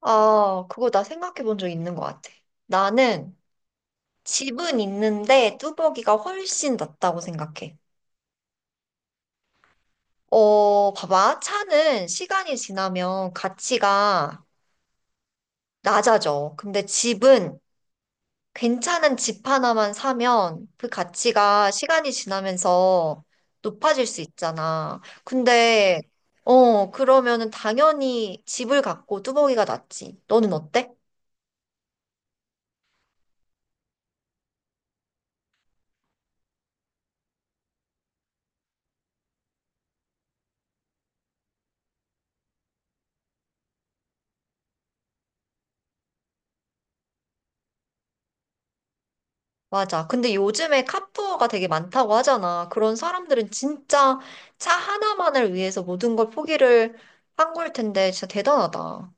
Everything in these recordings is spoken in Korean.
아, 그거 나 생각해 본 적 있는 것 같아. 나는 집은 있는데 뚜벅이가 훨씬 낫다고 생각해. 어, 봐봐. 차는 시간이 지나면 가치가 낮아져. 근데 집은 괜찮은 집 하나만 사면 그 가치가 시간이 지나면서 높아질 수 있잖아. 근데, 어, 그러면은 당연히 집을 갖고 뚜벅이가 낫지. 너는 어때? 맞아. 근데 요즘에 카푸어가 되게 많다고 하잖아. 그런 사람들은 진짜 차 하나만을 위해서 모든 걸 포기를 한 걸 텐데 진짜 대단하다.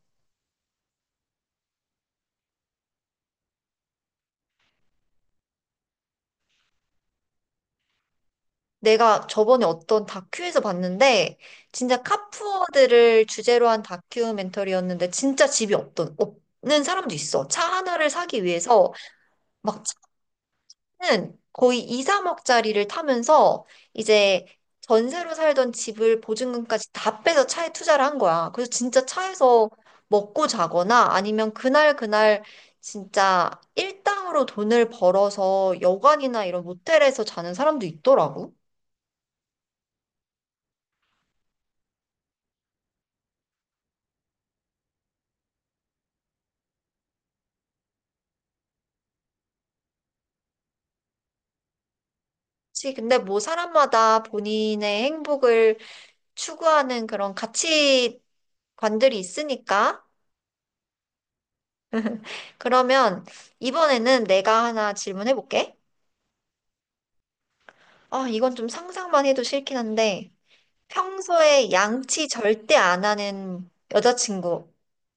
내가 저번에 어떤 다큐에서 봤는데 진짜 카푸어들을 주제로 한 다큐멘터리였는데 진짜 집이 없던 없는 사람도 있어. 차 하나를 사기 위해서 막 는 거의 2, 3억짜리를 타면서 이제 전세로 살던 집을 보증금까지 다 빼서 차에 투자를 한 거야. 그래서 진짜 차에서 먹고 자거나 아니면 그날 그날 진짜 일당으로 돈을 벌어서 여관이나 이런 모텔에서 자는 사람도 있더라고. 그치? 근데 뭐 사람마다 본인의 행복을 추구하는 그런 가치관들이 있으니까. 그러면 이번에는 내가 하나 질문해 볼게. 아, 이건 좀 상상만 해도 싫긴 한데, 평소에 양치 절대 안 하는 여자친구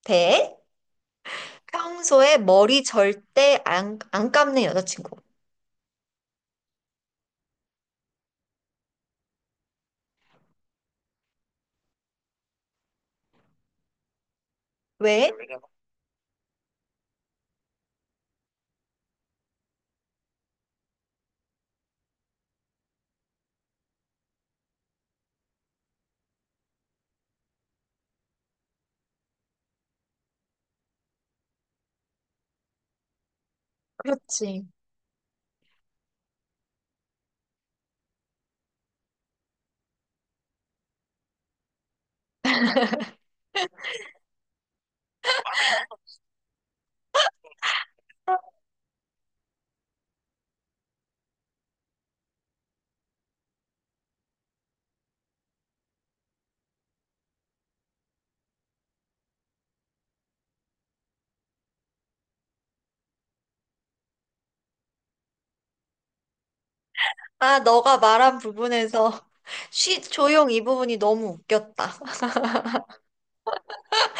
대 평소에 머리 절대 안 감는 여자친구. 왜? 그렇지. 아, 너가 말한 부분에서 쉬, 조용 이 부분이 너무 웃겼다.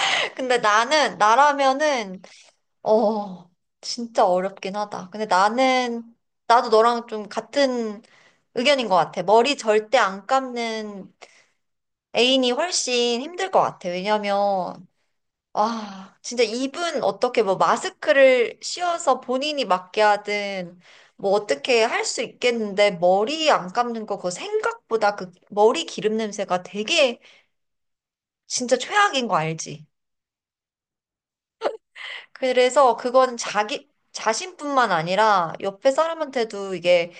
근데 나라면은, 어, 진짜 어렵긴 하다. 근데 나도 너랑 좀 같은 의견인 것 같아. 머리 절대 안 감는 애인이 훨씬 힘들 것 같아. 왜냐면, 아, 진짜 입은 어떻게 뭐 마스크를 씌워서 본인이 맞게 하든, 뭐 어떻게 할 수 있겠는데, 머리 안 감는 거, 그거 생각보다 그 머리 기름 냄새가 되게 진짜 최악인 거 알지? 그래서 그건 자신뿐만 아니라 옆에 사람한테도 이게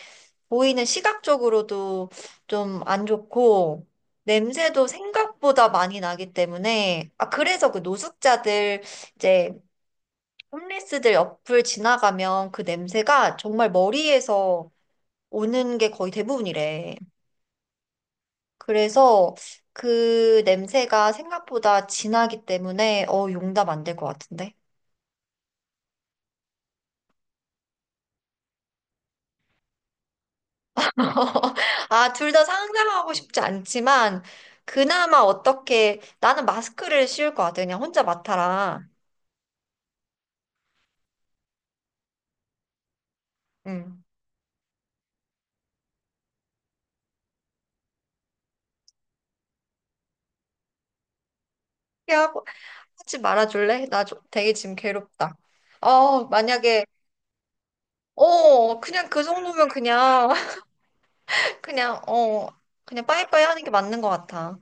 보이는 시각적으로도 좀 안 좋고, 냄새도 생각보다 많이 나기 때문에, 아, 그래서 그 노숙자들, 이제, 홈리스들 옆을 지나가면 그 냄새가 정말 머리에서 오는 게 거의 대부분이래. 그래서 그 냄새가 생각보다 진하기 때문에, 어, 용담 안 될 것 같은데? 아, 둘 다 상상하고 싶지 않지만, 그나마 어떻게, 나는 마스크를 씌울 것 같아. 그냥 혼자 맡아라. 응. 피하고 하지 말아줄래? 나 좀, 되게 지금 괴롭다. 어, 만약에, 어, 그냥 그 정도면 그냥, 그냥, 어, 그냥 빠이빠이 하는 게 맞는 것 같아.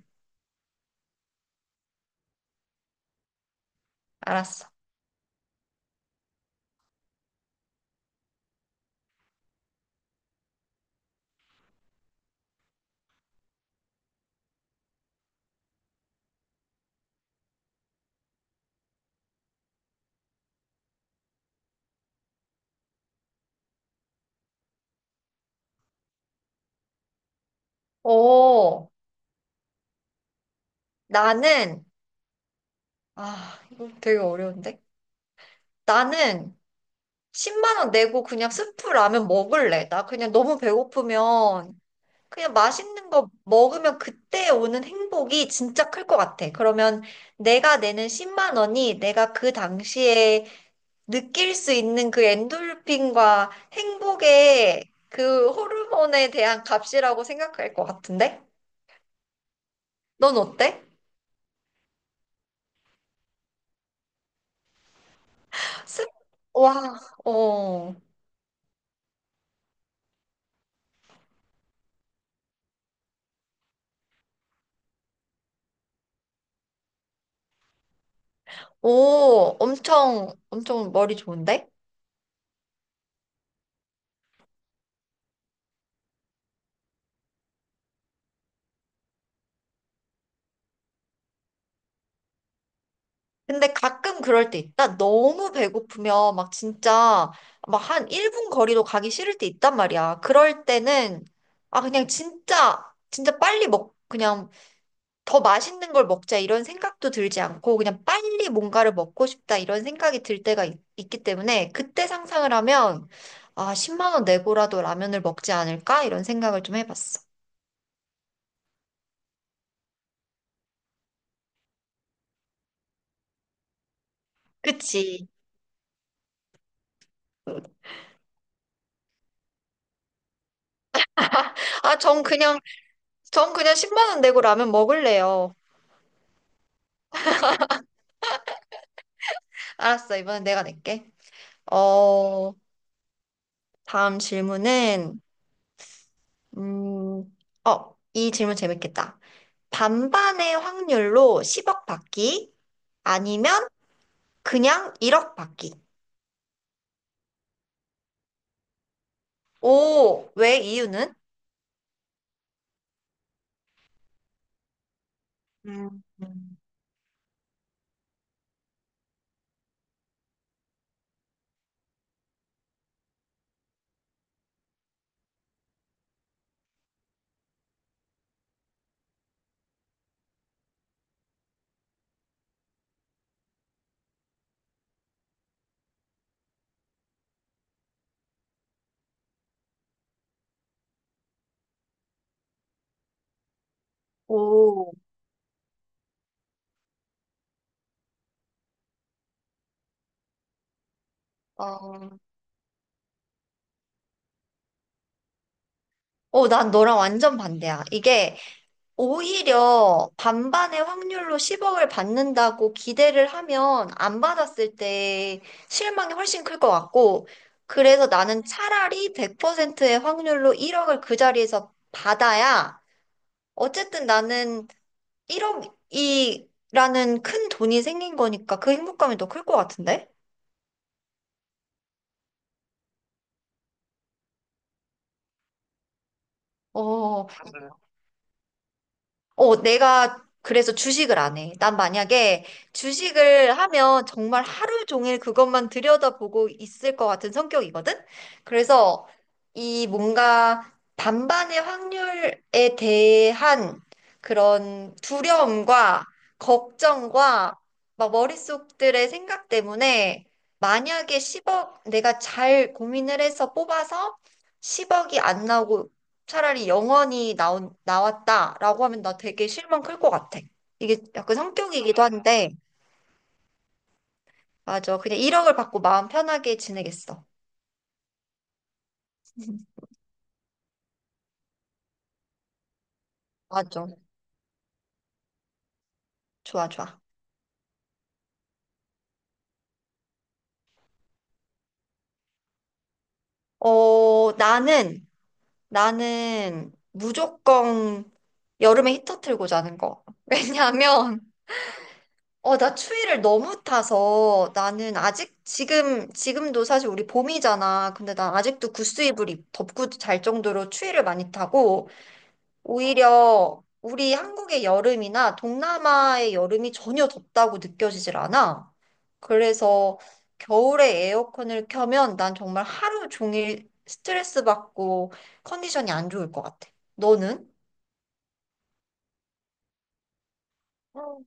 알았어. 어, 나는, 아, 이거 되게 어려운데? 나는 10만 원 내고 그냥 스프 라면 먹을래. 나 그냥 너무 배고프면, 그냥 맛있는 거 먹으면 그때 오는 행복이 진짜 클 것 같아. 그러면 내가 내는 10만 원이 내가 그 당시에 느낄 수 있는 그 엔돌핀과 행복의 그 호르몬에 대한 값이라고 생각할 것 같은데? 넌 어때? 스- 와, 어, 오, 엄청, 엄청 머리 좋은데? 근데 가끔 그럴 때 있다. 너무 배고프면 막 진짜 막 한 1분 거리도 가기 싫을 때 있단 말이야. 그럴 때는, 아, 그냥 진짜, 진짜 빨리 그냥 더 맛있는 걸 먹자 이런 생각도 들지 않고 그냥 빨리 뭔가를 먹고 싶다 이런 생각이 들 때가 있, 기 때문에 그때 상상을 하면 아, 10만 원 내고라도 라면을 먹지 않을까 이런 생각을 좀 해봤어. 그치. 아, 전 그냥 10만 원 내고 라면 먹을래요. 알았어. 이번엔 내가 낼게. 어, 다음 질문은 음, 어, 이 질문 재밌겠다. 반반의 확률로 10억 받기 아니면 그냥 1억 받기. 오, 왜 이유는? 음. 오, 어, 오, 난 너랑 완전 반대야. 이게 오히려 반반의 확률로 10억을 받는다고 기대를 하면 안 받았을 때 실망이 훨씬 클 것 같고, 그래서 나는 차라리 100%의 확률로 1억을 그 자리에서 받아야, 어쨌든 나는 1억이라는 큰 돈이 생긴 거니까 그 행복감이 더 클 것 같은데? 어, 어, 내가 그래서 주식을 안 해. 난 만약에 주식을 하면 정말 하루 종일 그것만 들여다보고 있을 것 같은 성격이거든? 그래서 이 뭔가 반반의 확률에 대한 그런 두려움과 걱정과 막 머릿속들의 생각 때문에 만약에 10억 내가 잘 고민을 해서 뽑아서 10억이 안 나오고 차라리 영원히 나왔다라고 하면 나 되게 실망 클 것 같아. 이게 약간 성격이기도 한데, 맞아. 그냥 1억을 받고 마음 편하게 지내겠어. 맞아. 좋아, 좋아. 어, 나는 무조건 여름에 히터 틀고 자는 거. 왜냐하면, 어, 나 추위를 너무 타서 나는 아직 지금도 사실 우리 봄이잖아. 근데 난 아직도 구스 이불 덮고 잘 정도로 추위를 많이 타고, 오히려 우리 한국의 여름이나 동남아의 여름이 전혀 덥다고 느껴지질 않아. 그래서 겨울에 에어컨을 켜면 난 정말 하루 종일 스트레스 받고 컨디션이 안 좋을 것 같아. 너는? 어.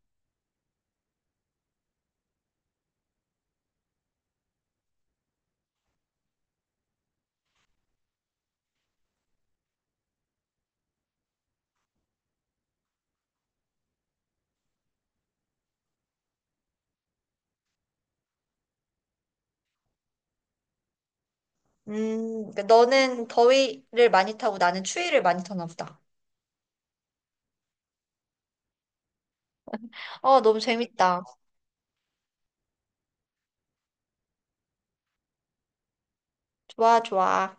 그러니까 너는 더위를 많이 타고 나는 추위를 많이 타나 보다. 어, 너무 재밌다. 좋아, 좋아.